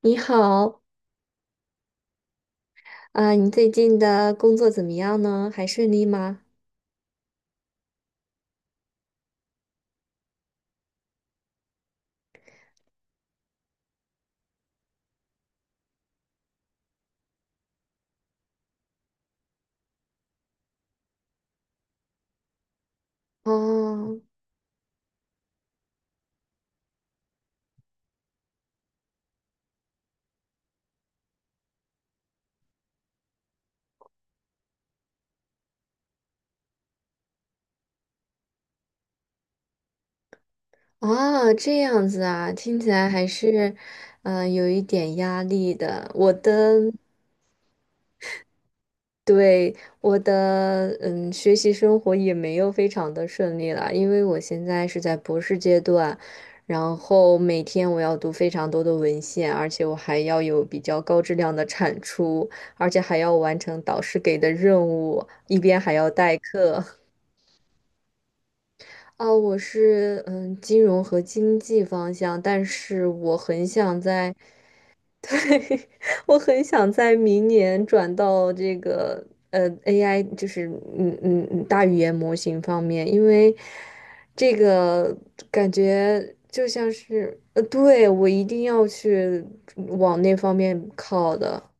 你好，你最近的工作怎么样呢？还顺利吗？哦，啊，这样子啊，听起来还是，嗯，有一点压力的。我的，对，我的，嗯，学习生活也没有非常的顺利了，因为我现在是在博士阶段，然后每天我要读非常多的文献，而且我还要有比较高质量的产出，而且还要完成导师给的任务，一边还要代课。哦，我是金融和经济方向，但是我很想在，我很想在明年转到这个AI，就是大语言模型方面，因为这个感觉就像是对，我一定要去往那方面靠的。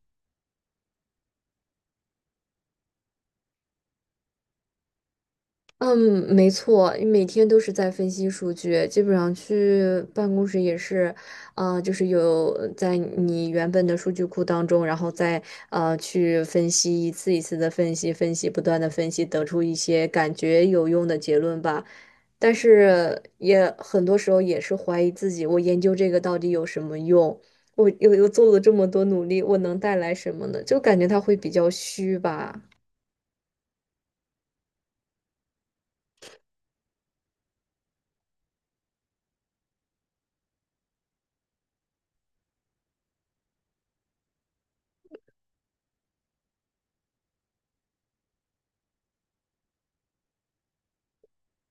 嗯，没错，每天都是在分析数据，基本上去办公室也是，啊，就是有在你原本的数据库当中，然后再去分析一次一次的分析，分析不断的分析，得出一些感觉有用的结论吧。但是也很多时候也是怀疑自己，我研究这个到底有什么用？我又做了这么多努力，我能带来什么呢？就感觉它会比较虚吧？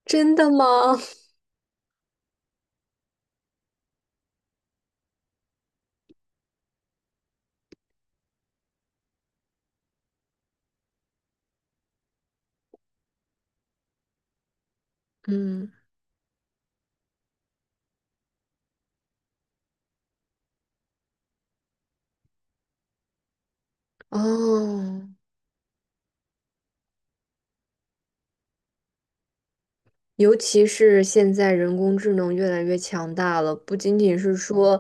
真的吗？嗯，哦。尤其是现在人工智能越来越强大了，不仅仅是说，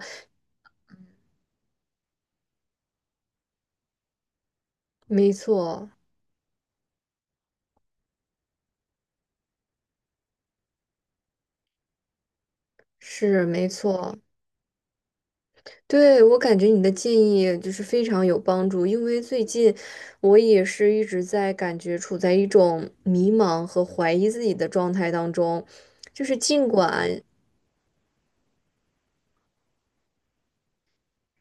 没错，是没错。对，我感觉你的建议就是非常有帮助，因为最近我也是一直在感觉处在一种迷茫和怀疑自己的状态当中，就是尽管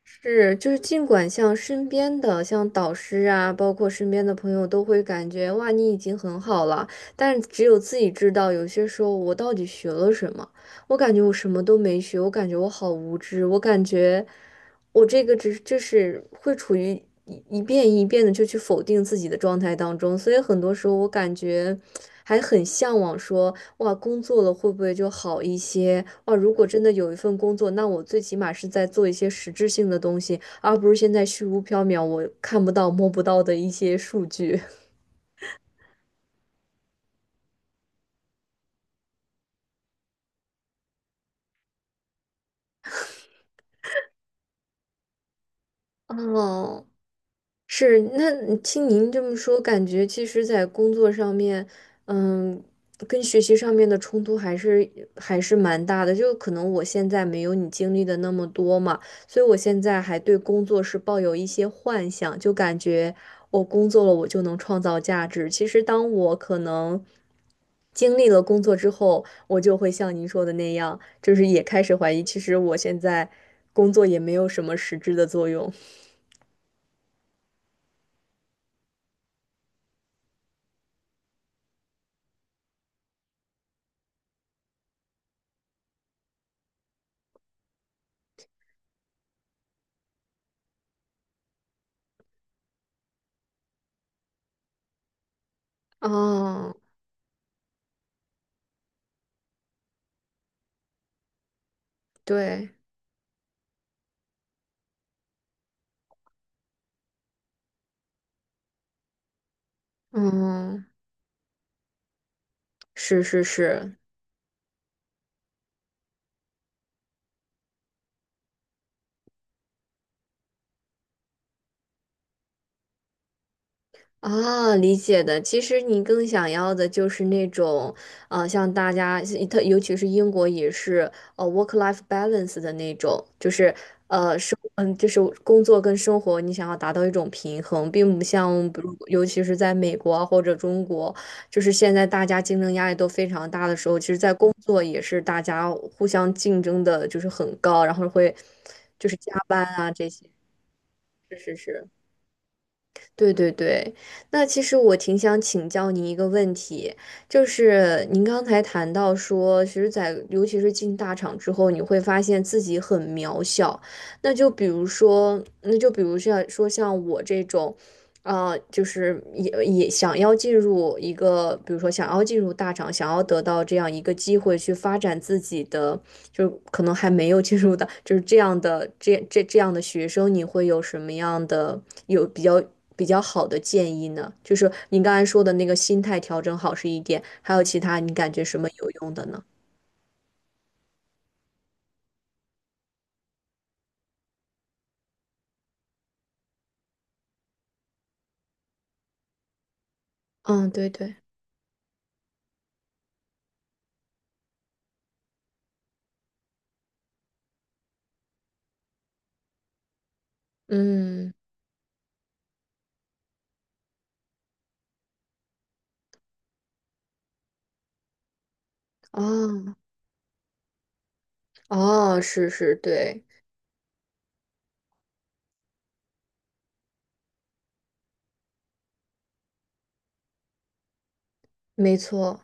是，就是尽管像身边的，像导师啊，包括身边的朋友，都会感觉哇，你已经很好了，但是只有自己知道，有些时候我到底学了什么？我感觉我什么都没学，我感觉我好无知，我感觉我这个就是会处于一遍一遍的就去否定自己的状态当中，所以很多时候我感觉还很向往说。哇，工作了会不会就好一些？哇，如果真的有一份工作，那我最起码是在做一些实质性的东西，而不是现在虚无缥缈，我看不到、摸不到的一些数据。哦，是，那你听您这么说，感觉其实，在工作上面，嗯，跟学习上面的冲突还是蛮大的。就可能我现在没有你经历的那么多嘛，所以我现在还对工作是抱有一些幻想，就感觉我工作了，我就能创造价值。其实，当我可能经历了工作之后，我就会像您说的那样，就是也开始怀疑，其实我现在工作也没有什么实质的作用。哦，对。嗯，是是是。啊，理解的。其实你更想要的就是那种，像大家，特尤其是英国也是，work-life balance 的那种，就是嗯，就是工作跟生活，你想要达到一种平衡，并不像，比如尤其是在美国啊或者中国，就是现在大家竞争压力都非常大的时候，其实，在工作也是大家互相竞争的，就是很高，然后会就是加班啊这些，是是是。对对对，那其实我挺想请教您一个问题，就是您刚才谈到说，其实在，尤其是进大厂之后，你会发现自己很渺小。那就比如说，那就比如像我这种，啊，就是也想要进入一个，比如说想要进入大厂，想要得到这样一个机会去发展自己的，就是可能还没有进入的，就是这样的学生，你会有什么样的有比较比较好的建议呢？就是你刚才说的那个心态调整好是一点，还有其他你感觉什么有用的呢？嗯，对对，嗯，哦哦，是是，对，没错。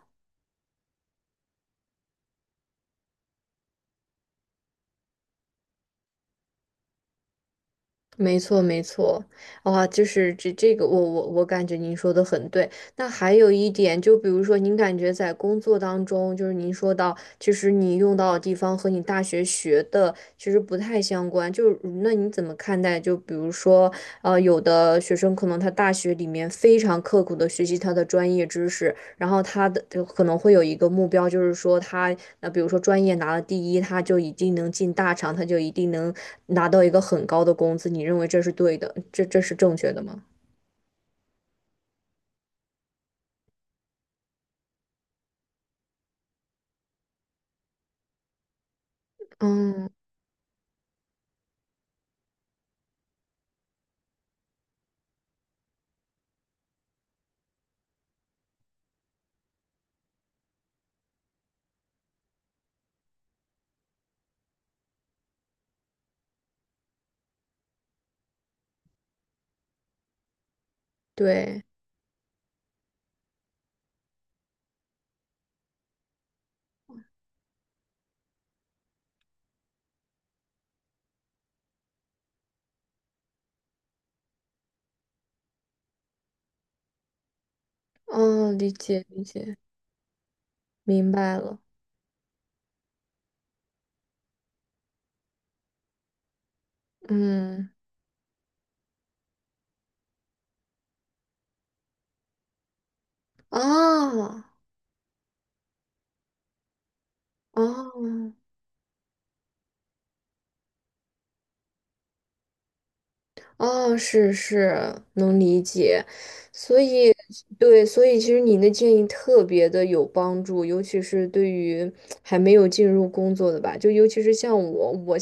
没错，没错，哇，就是这个，我感觉您说的很对。那还有一点，就比如说，您感觉在工作当中，就是您说到，其实你用到的地方和你大学学的其实不太相关。就是那你怎么看待？就比如说，呃，有的学生可能他大学里面非常刻苦的学习他的专业知识，然后他的就可能会有一个目标，就是说他那比如说专业拿了第一，他就一定能进大厂，他就一定能拿到一个很高的工资。你认为这是对的，这是正确的吗？嗯，对，哦，理解理解，明白了。嗯，啊。哦哦，是是，能理解，所以对，所以其实你的建议特别的有帮助，尤其是对于还没有进入工作的吧，就尤其是像我，我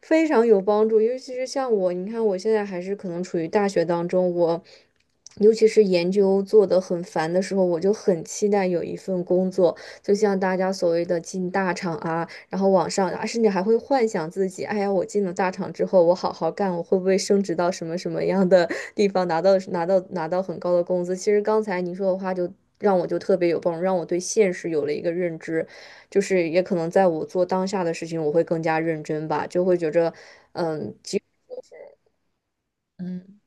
非常有帮助，尤其是像我，你看我现在还是可能处于大学当中，我尤其是研究做得很烦的时候，我就很期待有一份工作，就像大家所谓的进大厂啊，然后往上，啊，甚至还会幻想自己，哎呀，我进了大厂之后，我好好干，我会不会升职到什么什么样的地方，拿到很高的工资？其实刚才您说的话就。让我就特别有帮助，让我对现实有了一个认知，就是也可能在我做当下的事情，我会更加认真吧，就会觉着，嗯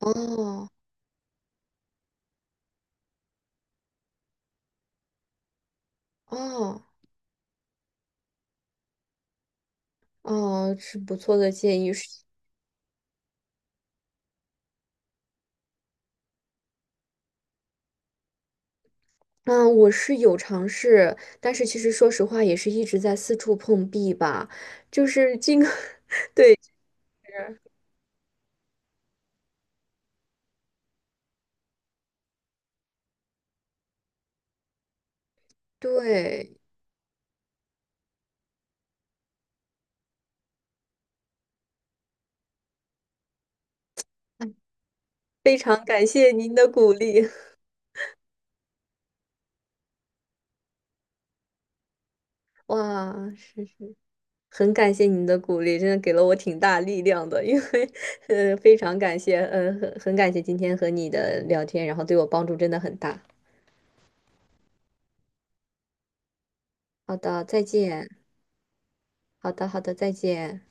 哦哦哦，是不错的建议。是，嗯，我是有尝试，但是其实说实话，也是一直在四处碰壁吧。就是这个 对，哎非常感谢您的鼓励，哇，是是，很感谢您的鼓励，真的给了我挺大力量的，因为，非常感谢，很感谢今天和你的聊天，然后对我帮助真的很大。好的，再见。好的，好的，再见。